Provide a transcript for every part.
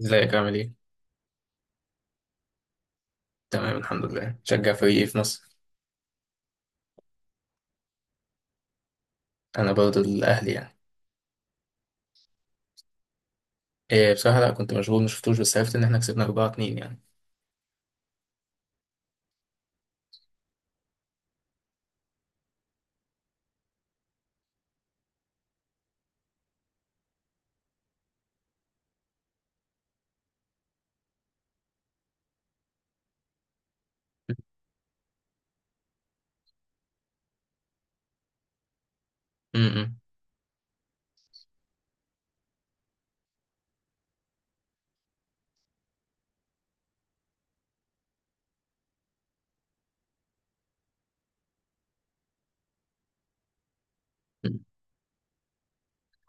ازيك عامل ايه؟ تمام، الحمد لله. شجع فريق ايه في مصر؟ انا برضه الاهلي يعني. إيه بصراحة، لا كنت مشغول مشفتوش، بس عرفت ان احنا كسبنا 4-2 يعني. امم،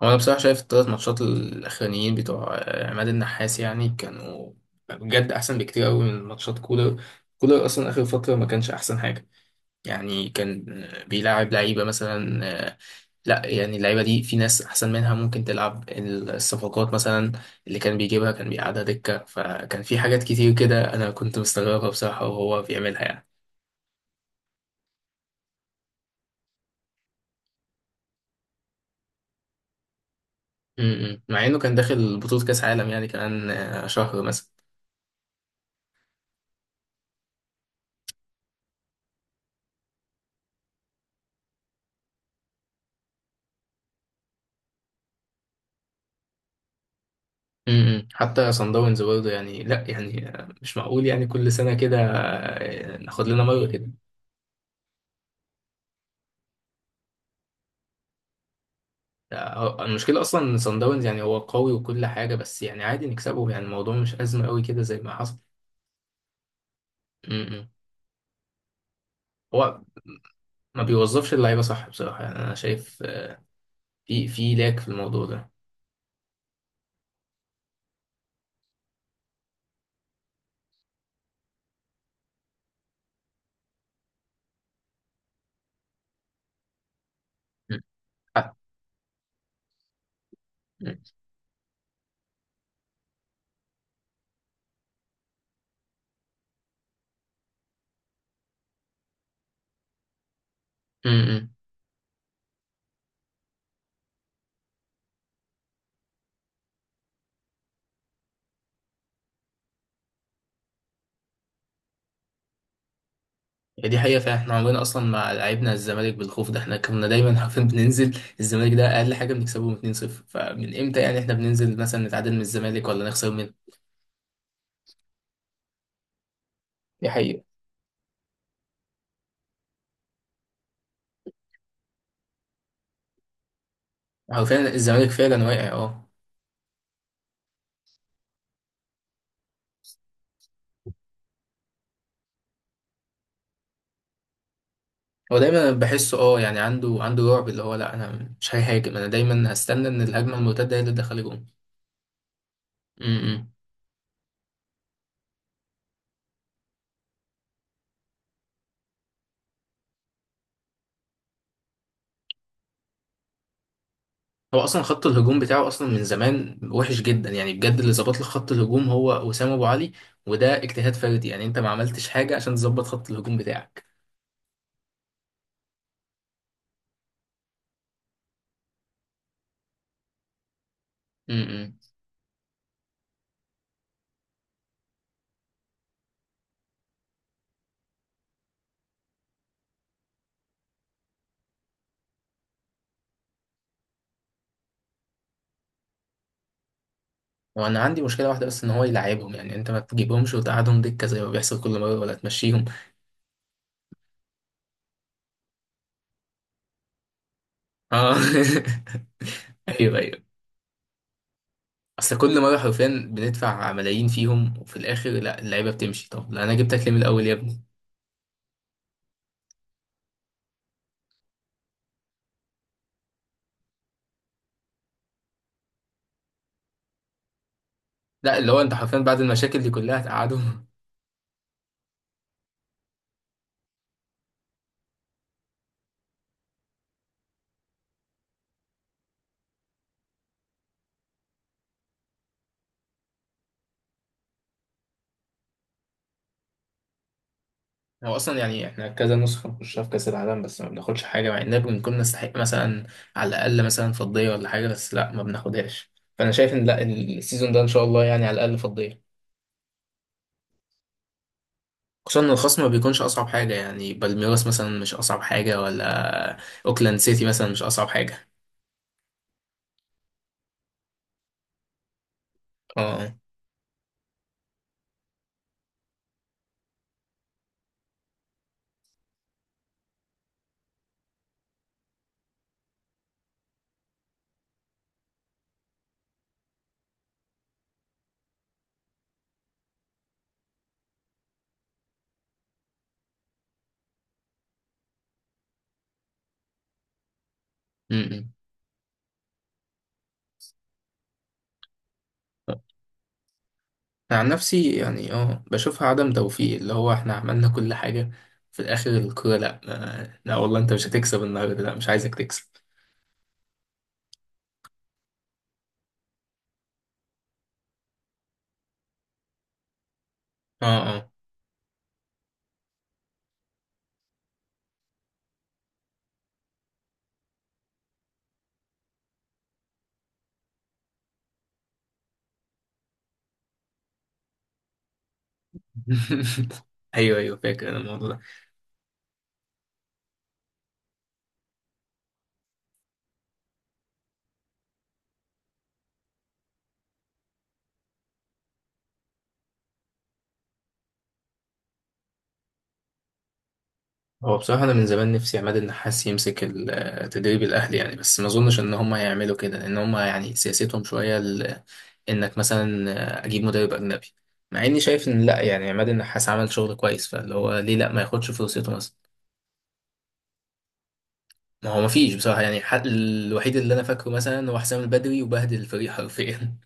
هو انا بصراحة شايف الثلاث ماتشات الاخرانيين بتوع عماد النحاس يعني كانوا بجد احسن بكتير قوي من ماتشات كولر. كولر اصلا اخر فترة ما كانش احسن حاجة. يعني كان بيلاعب لعيبة مثلا لا يعني اللعيبه دي في ناس احسن منها ممكن تلعب. الصفقات مثلا اللي كان بيجيبها كان بيقعدها دكه، فكان في حاجات كتير كده انا كنت مستغربها بصراحه وهو بيعملها يعني. امم، مع انه كان داخل بطوله كاس عالم يعني، كمان شهر مثلا. امم، حتى صن داونز برضه، يعني لا يعني مش معقول يعني كل سنه كده ناخد لنا مره كده. المشكله اصلا صن داونز يعني هو قوي وكل حاجه، بس يعني عادي نكسبه، يعني الموضوع مش ازمه قوي كده زي ما حصل. امم. هو ما بيوظفش اللعيبه صح بصراحه، يعني انا شايف في لاك في الموضوع ده. مم. حق. مم. مم. هي دي حقيقه فعلا، احنا عمرنا اصلا مع لعيبنا الزمالك بالخوف ده، احنا كنا دايما عارفين بننزل الزمالك ده اقل حاجه بنكسبهم 2-0، فمن امتى يعني احنا بننزل مثلا نتعادل من الزمالك ولا نخسر منه. دي حقيقه. هو فعلا الزمالك فعلا واقع اه. هو دايما بحسه اه، يعني عنده رعب اللي هو لا، انا مش هيهاجم، انا دايما هستنى ان الهجمه المرتده هي اللي تدخل جون. م- م. هو اصلا خط الهجوم بتاعه اصلا من زمان وحش جدا يعني، بجد اللي ظبط لك خط الهجوم هو وسام ابو علي. وده اجتهاد فردي يعني، انت ما عملتش حاجه عشان تظبط خط الهجوم بتاعك. امم. وانا عندي مشكله واحده بس، ان هو يلعبهم. يعني انت ما تجيبهمش وتقعدهم دكه زي ما بيحصل كل مره ولا تمشيهم. اه. ايوه، ايوه. اصل كل مره حرفيا بندفع ملايين فيهم، وفي الاخر لا اللعيبه بتمشي. طب لا، انا جبتك ليه من الاول يا ابني؟ لا، اللي هو انت حرفيا بعد المشاكل دي كلها هتقعدهم؟ هو اصلا يعني احنا كذا نسخه نخشها في كاس العالم، بس ما بناخدش حاجه، مع اننا بنكون نستحق مثلا على الاقل مثلا فضيه ولا حاجه، بس لا ما بناخدهاش. فانا شايف ان لا السيزون ده ان شاء الله يعني على الاقل فضيه. خصوصا ان الخصم ما بيكونش اصعب حاجه، يعني بالميراس مثلا مش اصعب حاجه ولا اوكلاند سيتي مثلا مش اصعب حاجه. اه. امم. أنا عن نفسي يعني اه بشوفها عدم توفيق، اللي هو احنا عملنا كل حاجه في الاخر الكوره لا. لا والله انت مش هتكسب النهارده، لا مش عايزك تكسب. اه، اه. ايوه، ايوه، فاكر انا الموضوع ده. هو بصراحه انا من زمان نفسي عماد النحاس يمسك التدريب الاهلي يعني، بس ما اظنش ان هم هيعملوا كده، لان هم يعني سياستهم شويه انك مثلا اجيب مدرب اجنبي. مع اني شايف ان لا يعني عماد النحاس عمل شغل كويس، فاللي هو ليه لا ما ياخدش فرصته مثلا؟ ما هو ما فيش بصراحه يعني، الحق الوحيد اللي انا فاكره مثلا هو حسام البدري، وبهدل الفريق حرفيا.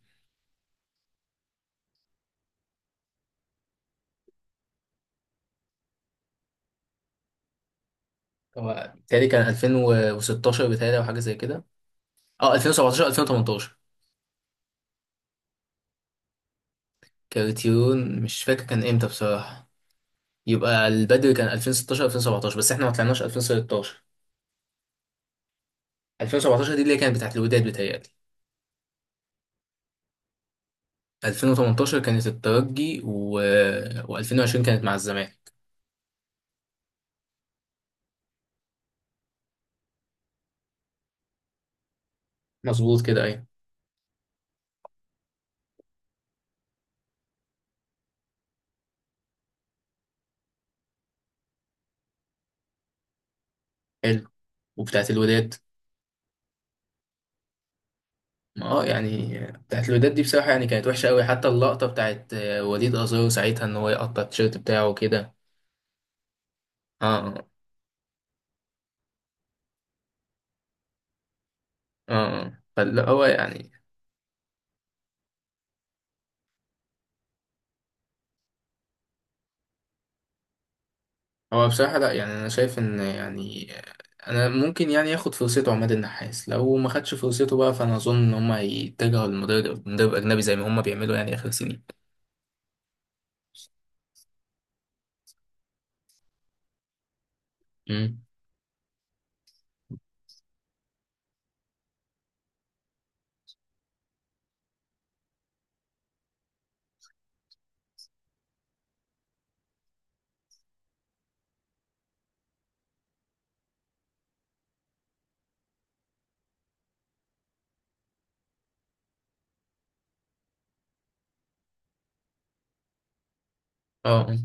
هو بيتهيألي كان 2016، بيتهيألي او حاجه زي كده. اه، 2017، 2018. كارتيون مش فاكر كان امتى بصراحة. يبقى البدري كان 2016، 2017، بس احنا ما طلعناش 2016. 2017 دي اللي هي كانت بتاعت الوداد بتهيألي. 2018 كانت الترجي و2020 كانت مع الزمالك. مظبوط كده، ايوه. حلو. وبتاعت الوداد ما اه يعني بتاعت الوداد دي بصراحة يعني كانت وحشة قوي، حتى اللقطة بتاعت وليد أزارو ساعتها ان هو يقطع التيشيرت بتاعه وكده. اه. اه. آه. فاللي هو يعني هو بصراحة لا يعني أنا شايف إن يعني أنا ممكن يعني ياخد فرصته عماد النحاس، لو ما خدش فرصته بقى فأنا أظن إن هما يتجهوا لمدرب مدرب أجنبي زي ما هما بيعملوا يعني آخر سنين. امم. اه.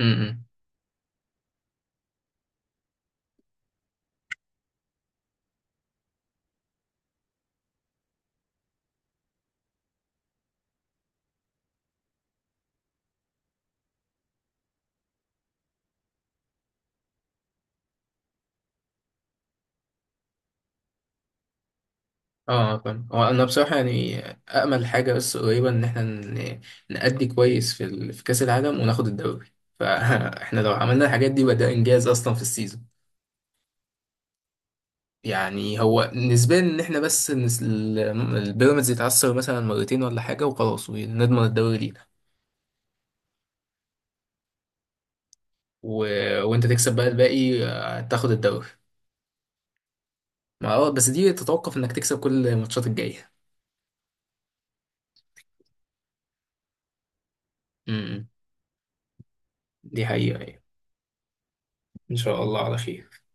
امم. اه. فاهم. هو أنا بصراحة يعني أأمل حاجة بس قريبة إن إحنا نأدي كويس في في كأس العالم وناخد الدوري. فإحنا لو عملنا الحاجات دي بدأ إنجاز أصلا في السيزون. يعني هو نسبيا إن إحنا بس البيراميدز يتعثر مثلا مرتين ولا حاجة وخلاص ونضمن الدوري لينا. و... وانت تكسب بقى الباقي، تاخد الدوري. ما اه بس دي تتوقف انك تكسب كل الماتشات الجاية. امم. دي حقيقة يعني. ان شاء الله على خير